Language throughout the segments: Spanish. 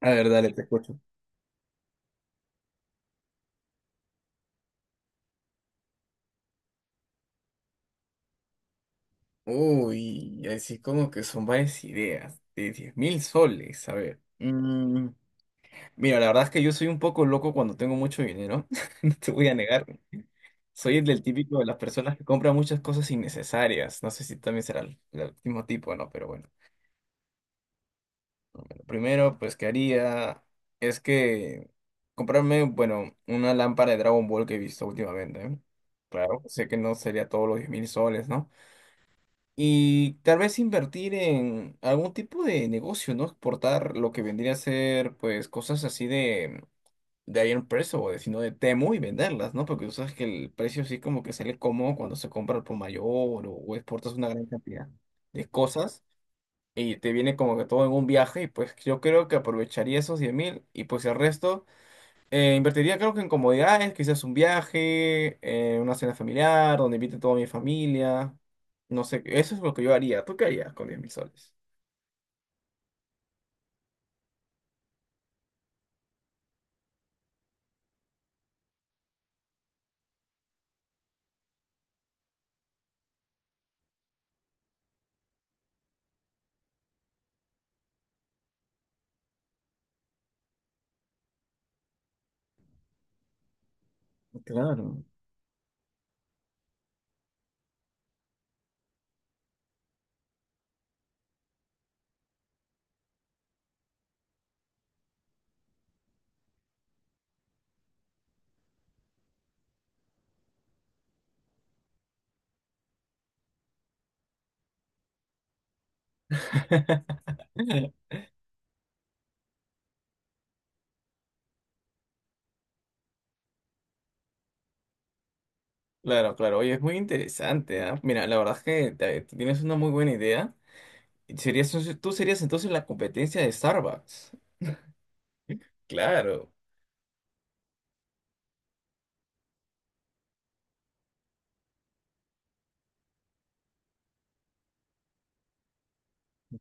A ver, dale, te escucho. Uy, así como que son varias ideas de 10,000 soles. A ver. Mira, la verdad es que yo soy un poco loco cuando tengo mucho dinero. No te voy a negar. Soy el del típico de las personas que compran muchas cosas innecesarias. No sé si también será el mismo tipo, ¿no? Pero bueno. Lo primero, pues, que haría es que comprarme, bueno, una lámpara de Dragon Ball que he visto últimamente. ¿Eh? Claro, sé que no sería todos los 10,000 soles, ¿no? Y tal vez invertir en algún tipo de negocio, ¿no? Exportar lo que vendría a ser, pues, cosas así de Iron Press sino de Temu y venderlas, ¿no? Porque tú sabes que el precio sí como que sale cómodo cuando se compra al por mayor o exportas una gran cantidad de cosas y te viene como que todo en un viaje y pues yo creo que aprovecharía esos 10,000 y pues el resto invertiría creo que en comodidades, quizás un viaje, una cena familiar, donde invite toda mi familia. No sé, eso es lo que yo haría. ¿Tú qué harías con 10,000 soles? Claro. Claro, claro. Oye, es muy interesante, ¿ah? Mira, la verdad es que te tienes una muy buena idea. Serías, Tú serías entonces la competencia de Starbucks. Claro.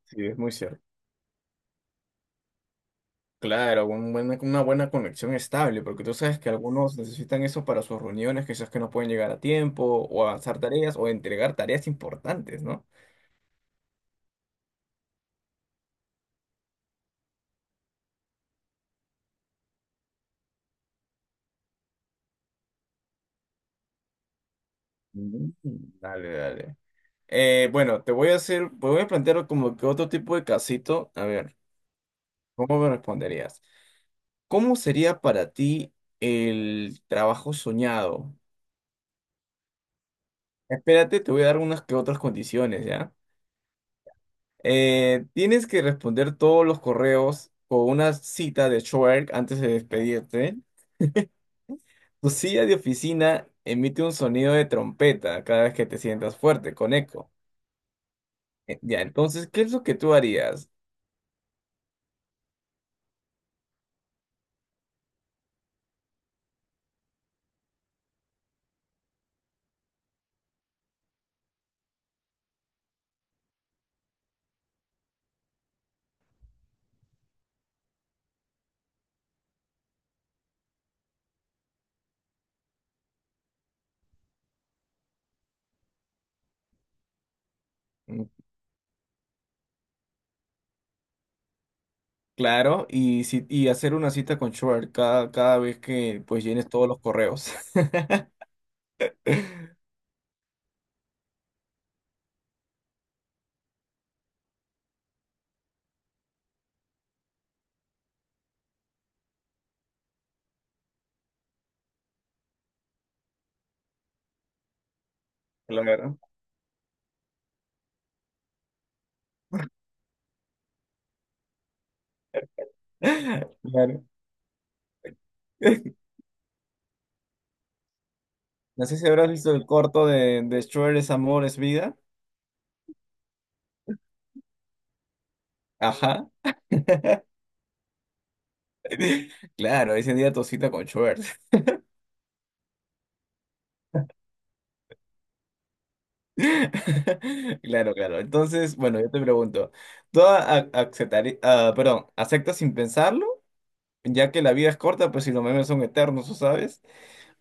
Sí, es muy cierto. Claro, una buena conexión estable, porque tú sabes que algunos necesitan eso para sus reuniones, quizás que no pueden llegar a tiempo, o avanzar tareas, o entregar tareas importantes, ¿no? Mm. Dale, dale. Bueno, te voy a plantear como que otro tipo de casito. A ver, ¿cómo me responderías? ¿Cómo sería para ti el trabajo soñado? Espérate, te voy a dar unas que otras condiciones, ¿ya? Tienes que responder todos los correos con una cita de Schwerk antes de despedirte. Tu silla de oficina emite un sonido de trompeta cada vez que te sientas fuerte, con eco. Ya, entonces, ¿qué es lo que tú harías? Mm. Claro, y, y hacer una cita con Schwerk cada vez que pues llenes todos los correos. Claro. Claro. No sé si habrás visto el corto de Schwer es amor, es vida. Ajá. Claro, ese día tu cita con Schwer. Claro, claro. Entonces, bueno, yo te pregunto, ¿tú perdón, aceptas sin pensarlo, ya que la vida es corta, pues si los memes son eternos, ¿o sabes?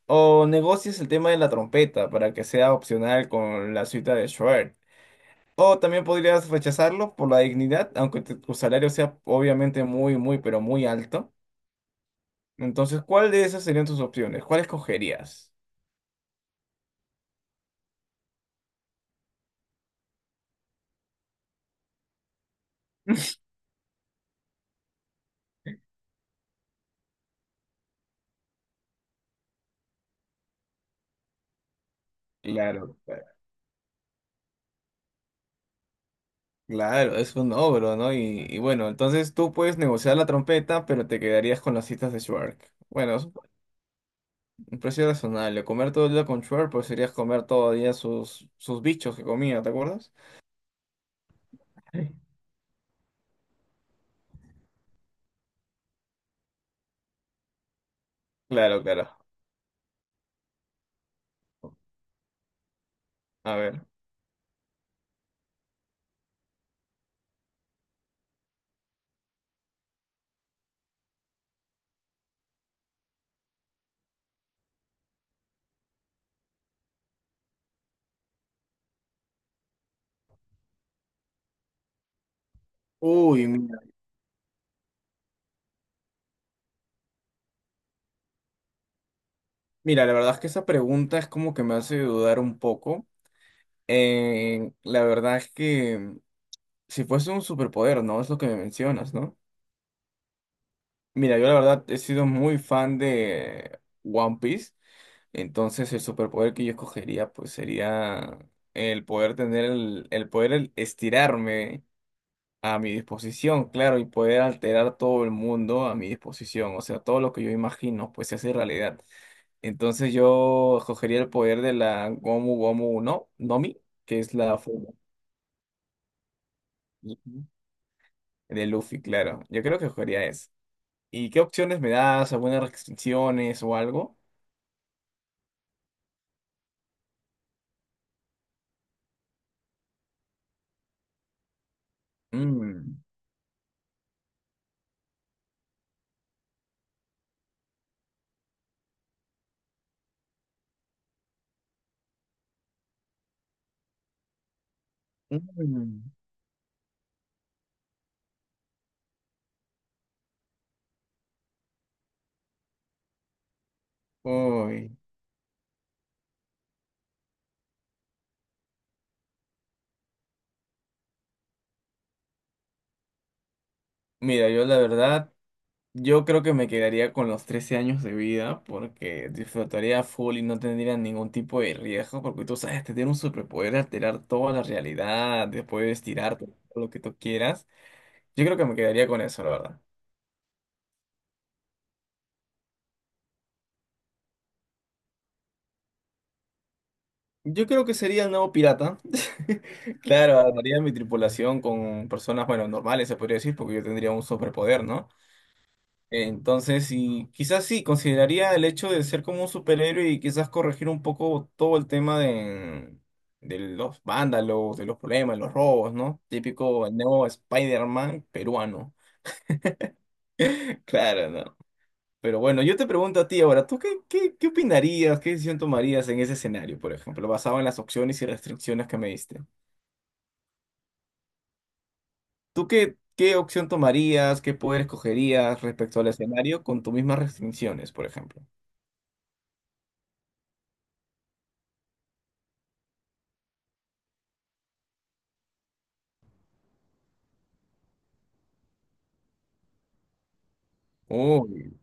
¿O negocias el tema de la trompeta para que sea opcional con la suite de Schubert? O también podrías rechazarlo por la dignidad, aunque tu salario sea obviamente muy, muy, pero muy alto. Entonces, ¿cuál de esas serían tus opciones? ¿Cuál escogerías? Claro. Claro, es un ogro, ¿no? Y bueno, entonces tú puedes negociar la trompeta, pero te quedarías con las citas de Schwark. Bueno, es un precio razonable. Comer todo el día con Schwark, pues serías comer todo el día sus bichos que comía, ¿te acuerdas? Sí. Claro, claro. A ver. Uy, mira. Mira, la verdad es que esa pregunta es como que me hace dudar un poco. La verdad es que si fuese un superpoder, ¿no? Es lo que me mencionas, ¿no? Mira, yo la verdad he sido muy fan de One Piece. Entonces el superpoder que yo escogería pues sería el poder tener el poder estirarme a mi disposición, claro, y poder alterar todo el mundo a mi disposición, o sea, todo lo que yo imagino pues se hace realidad. Entonces yo escogería el poder de la Gomu Gomu no, Nomi, que es la forma de Luffy, claro. Yo creo que escogería eso. ¿Y qué opciones me das? ¿Algunas restricciones o algo? Mm. Mm. Uy. Mira, yo la verdad yo creo que me quedaría con los 13 años de vida porque disfrutaría full y no tendría ningún tipo de riesgo porque tú sabes, te tiene un superpoder de alterar toda la realidad, después tirarte todo lo que tú quieras. Yo creo que me quedaría con eso, la verdad. Yo creo que sería el nuevo pirata. Claro, armaría mi tripulación con personas, bueno, normales, se podría decir, porque yo tendría un superpoder, ¿no? Entonces, y quizás sí, consideraría el hecho de ser como un superhéroe y quizás corregir un poco todo el tema de los vándalos, de los problemas, de los robos, ¿no? Típico nuevo Spider-Man peruano. Claro, ¿no? Pero bueno, yo te pregunto a ti ahora, ¿tú qué opinarías, qué decisión tomarías en ese escenario, por ejemplo, basado en las opciones y restricciones que me diste? ¿Tú qué opción tomarías, qué poder escogerías respecto al escenario con tus mismas restricciones, por ejemplo? Uy.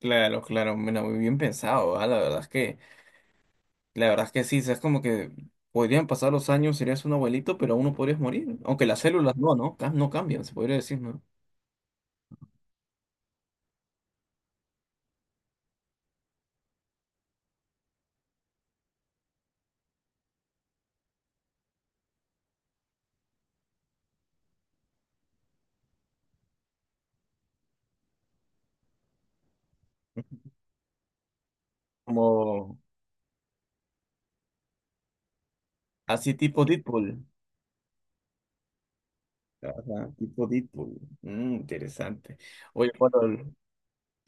Claro, claro, mira, muy bien pensado, ¿ah? La verdad es que sí, o sea, es como que podrían pasar los años, serías un abuelito, pero aún no podrías morir, aunque las células no, ¿no? No cambian, se podría decir, ¿no? Como así tipo Deadpool. Ajá, tipo Deadpool. Mm, interesante. Oye, Pablo,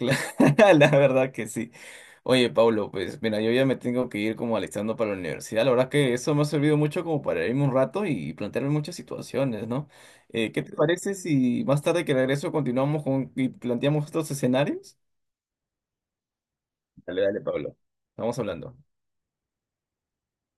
la verdad que sí. Oye, Pablo, pues mira, yo ya me tengo que ir como alistando para la universidad. La verdad que eso me ha servido mucho como para irme un rato y plantearme muchas situaciones, ¿no? ¿Qué te parece si más tarde que regreso continuamos con y planteamos estos escenarios? Dale, dale, Pablo. Estamos hablando.